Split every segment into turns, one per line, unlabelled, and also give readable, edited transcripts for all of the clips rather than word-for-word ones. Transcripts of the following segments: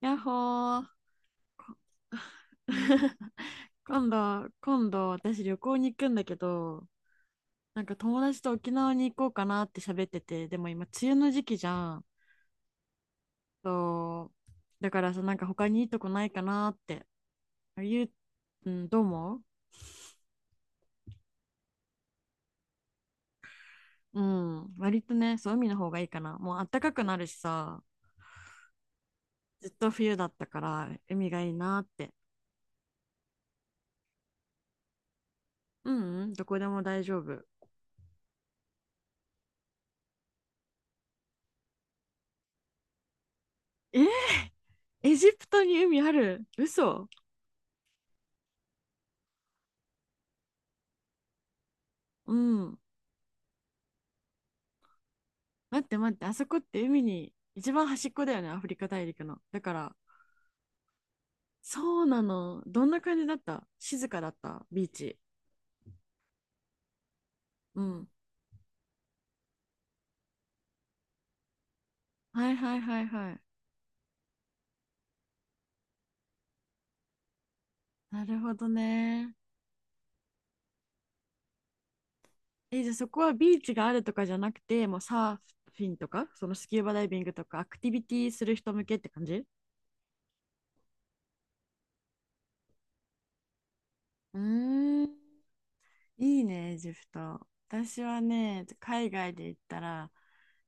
やっほー。今度私旅行に行くんだけど、なんか友達と沖縄に行こうかなって喋ってて、でも今梅雨の時期じゃん。そう。だからさ、なんか他にいいとこないかなって。ゆう、うん、どう思う？うん。割とね、そう、海の方がいいかな。もう暖かくなるしさ、ずっと冬だったから、海がいいなって。うん、うん、どこでも大丈夫。えー、エジプトに海ある？嘘？うん。待って待って、あそこって海に一番端っこだよね、アフリカ大陸の。だから、そうなの。どんな感じだった？静かだった、ビーチ？うん。はいはいはいはい。なるほどね。え、じゃあそこはビーチがあるとかじゃなくて、もうサーフィンとか、そのスキューバダイビングとか、アクティビティする人向けって感じ？うーん、いいね、エジプト。私はね、海外で行ったら、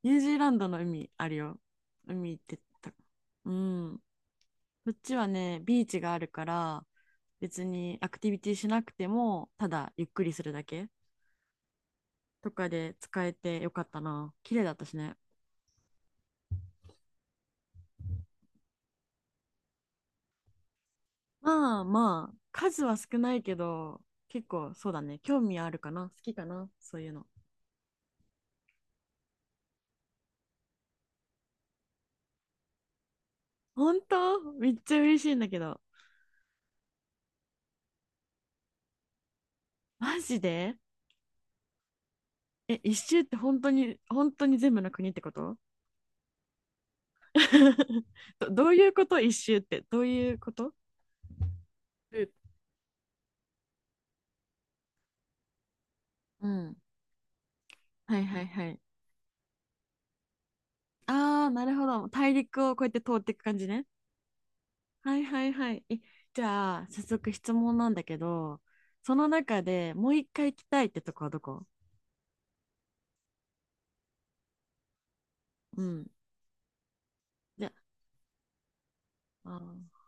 ニュージーランドの海あるよ。海行ってた。うん。こっちはね、ビーチがあるから、別にアクティビティしなくても、ただゆっくりするだけとかで使えてよかったな。綺麗だったしね。まあまあ、数は少ないけど、結構そうだね。興味あるかな？好きかな？そういうの。本当めっちゃ嬉しいんだけど。マジで？え、一周って本当に、本当に全部の国ってこと？ どういうこと一周って？どういうこと？うん。はいはいはい。ああ、なるほど。大陸をこうやって通っていく感じね。はいはいはい。え、じゃあ、早速質問なんだけど、その中でもう一回行きたいってとこはどこ？うん。じゃあ、あ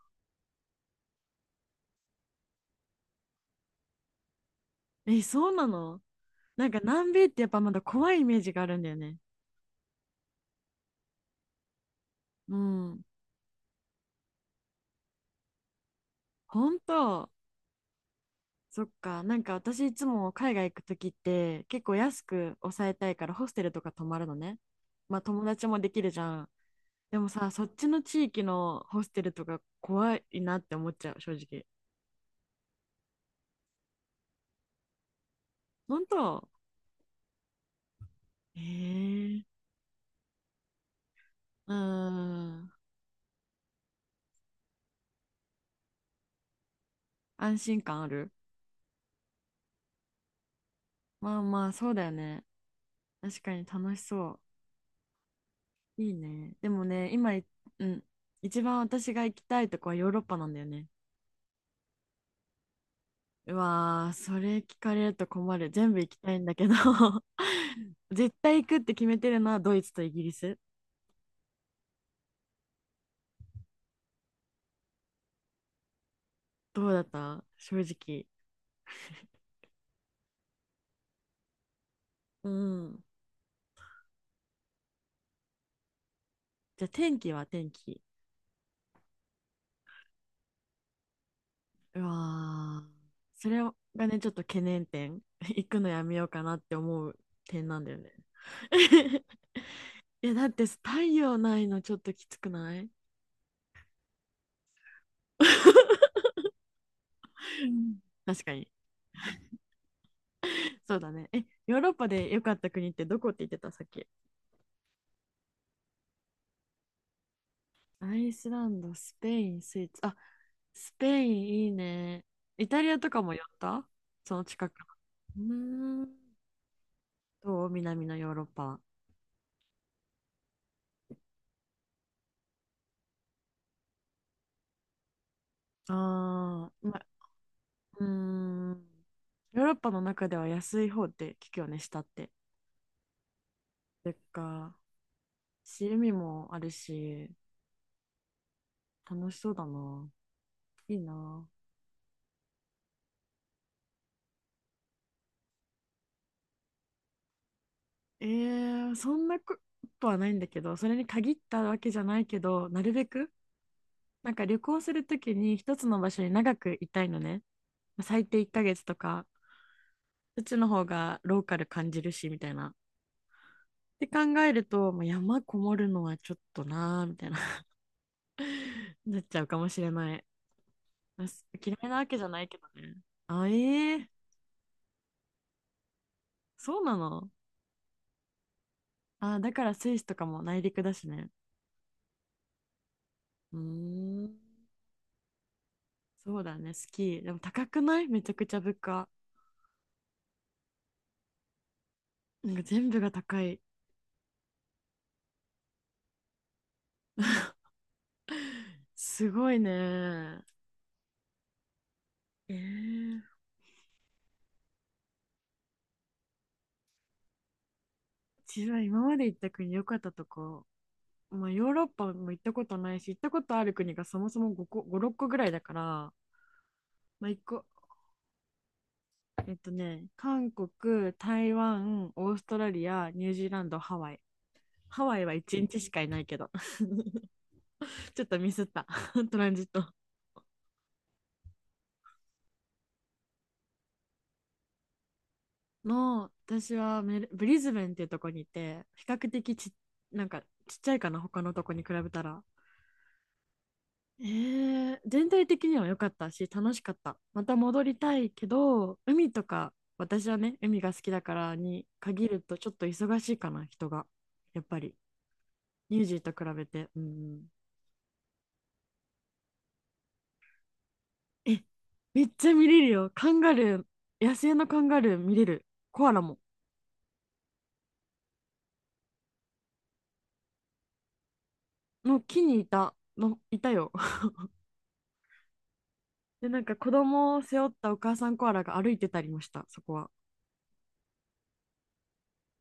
ー、え、そうなの？なんか南米ってやっぱまだ怖いイメージがあるんだよね。うん。本当？そっか。なんか私いつも海外行くときって結構安く抑えたいからホステルとか泊まるのね。まあ友達もできるじゃん。でもさ、そっちの地域のホステルとか怖いなって思っちゃう、正直。本当？ええ？うーん。安心感ある？まあまあ、そうだよね。確かに楽しそう。いいね。でもね、うん。一番私が行きたいとこはヨーロッパなんだよね。うわー、それ聞かれると困る。全部行きたいんだけど 絶対行くって決めてるのはドイツとイギリス。どうだった、正直？うん。じゃあ天気は？天気？うわー、それがね、ちょっと懸念点。行くのやめようかなって思う点なんだよね。いや、だって太陽ないのちょっときつくない？うん、確かに。そうだね。え、ヨーロッパで良かった国ってどこって言ってた、さっき？アイスランド、スペイン、スイーツ。あ、スペインいいね。イタリアとかも寄った？その近くの。うーん。どう、南のヨーロッパは？ああ、うーん。ヨーロッパの中では安い方って聞くよね、下って。てか、趣味もあるし、楽しそうだな。いいな。えー、そんなことはないんだけど、それに限ったわけじゃないけど、なるべく、なんか旅行するときに一つの場所に長くいたいのね。まあ最低1ヶ月とか、うちの方がローカル感じるし、みたいな。って考えると、もう山こもるのはちょっとなーみたいな なっちゃうかもしれない。あす嫌いなわけじゃないけどね。あ、ええ？そうなの？あ、だからスイスとかも内陸だしね。うーん、そうだね、スキー。でも高くない？めちゃくちゃ物価。なんか全部が高い。すごいね。ええ？自分は今まで行った国、良かったとこ。まあ、ヨーロッパも行ったことないし、行ったことある国がそもそも5個、5、6個ぐらいだから、まあ、1個、韓国、台湾、オーストラリア、ニュージーランド、ハワイ。ハワイは1日しかいないけど ちょっとミスった トランジットの、私はメルブリズベンっていうとこにいて、比較的なんかちっちゃいかな、他のとこに比べたら。えー、全体的には良かったし、楽しかった。また戻りたいけど、海とか、私はね、海が好きだから、に限るとちょっと忙しいかな、人がやっぱり。ニュージーと比べて。うん。え、めっちゃ見れるよ、カンガルー。野生のカンガルー見れる。コアラも、の木にいた、いたよ。で、なんか子供を背負ったお母さんコアラが歩いてたりました、そこは。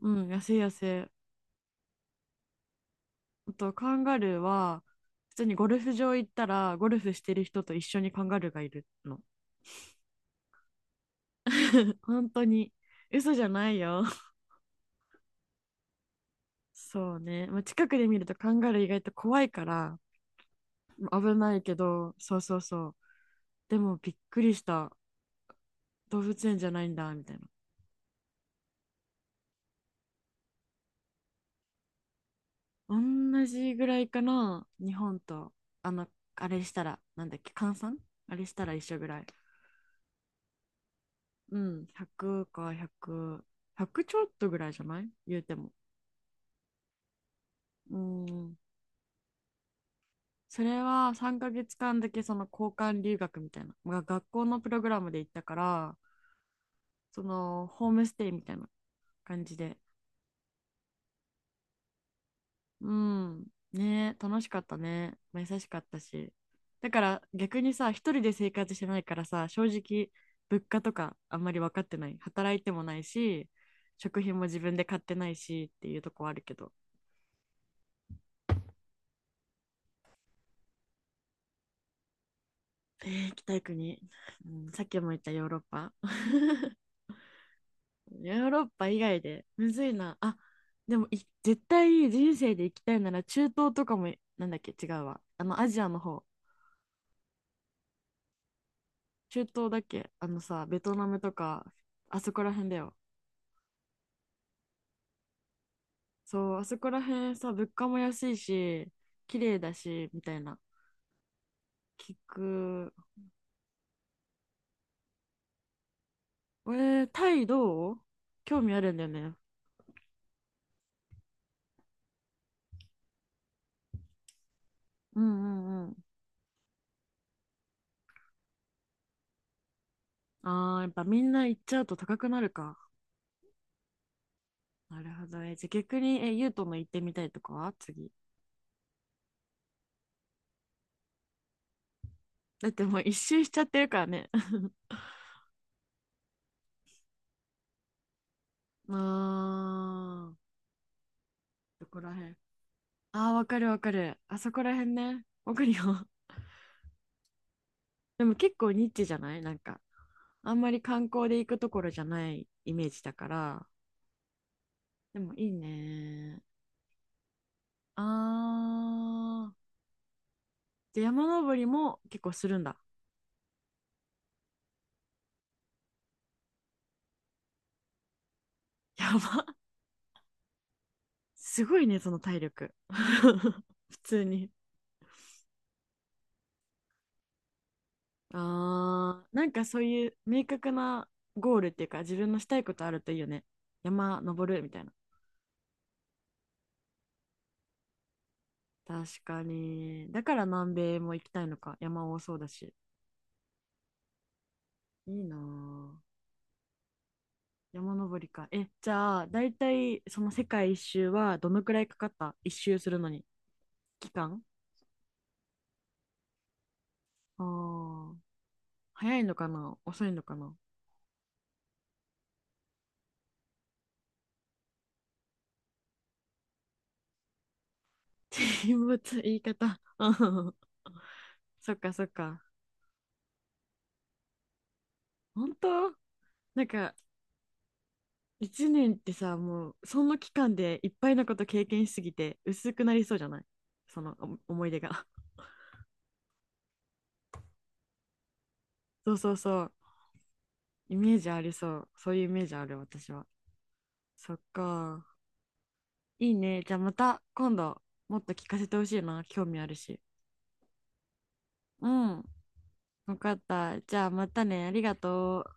うん、野生野生。あと、カンガルーは、普通にゴルフ場行ったら、ゴルフしてる人と一緒にカンガルーがいるの。本当に。嘘じゃないよ。そうね。まあ、近くで見るとカンガルー意外と怖いから、危ないけど、そうそうそう。でもびっくりした。動物園じゃないんだ、みたいな。同じぐらいかな、日本と。あの、あれしたら、なんだっけ、換算あれしたら一緒ぐらい。うん、100か100、100ちょっとぐらいじゃない言うても。うん。それは3ヶ月間だけその交換留学みたいな、が学校のプログラムで行ったから、そのホームステイみたいな感じで。うん。ねえ、楽しかったね。まあ優しかったし。だから逆にさ、一人で生活してないからさ、正直、物価とかあんまり分かってない。働いてもないし、食品も自分で買ってないしっていうとこはあるけど。えー、行きたい国、うん、さっきも言ったヨーロッパ。ヨーロッパ以外で、むずいな。あ、でも絶対人生で行きたいなら中東とかも、なんだっけ、違うわ。アジアの方。中東だっけ？あのさ、ベトナムとか、あそこら辺だよ。そう、あそこら辺さ、物価も安いし、綺麗だし、みたいな。聞く。えー、タイどう？興味あるんだよね。うんうんうん。ああ、やっぱみんな行っちゃうと高くなるか。なるほど。え、じゃあ逆に、ユートの行ってみたいとかは？次。だってもう一周しちゃってるからね。ああ、どこら辺？ああ、わかるわかる。あそこら辺ね。わかるよ。でも結構ニッチじゃない？なんか、あんまり観光で行くところじゃないイメージだから、でもいいね。あー。で、山登りも結構するんだ？やば。すごいね、その体力。普通に。あー。なんかそういう明確なゴールっていうか、自分のしたいことあるといいよね。山登るみたいな。確かに。だから南米も行きたいのか。山多そうだし。いいなぁ。山登りか。え、じゃあ、だいたいその世界一周はどのくらいかかった？一周するのに。期間？ああー。早いのかな？遅いのかな？人物言い方 そっかそっか。本当？なんか1年ってさ、もうその期間でいっぱいのこと経験しすぎて薄くなりそうじゃない？その思い出が そうそうそう。イメージありそう。そういうイメージある私は。そっか。いいね。じゃあまた今度もっと聞かせてほしいな。興味あるし。うん。わかった。じゃあまたね。ありがとう。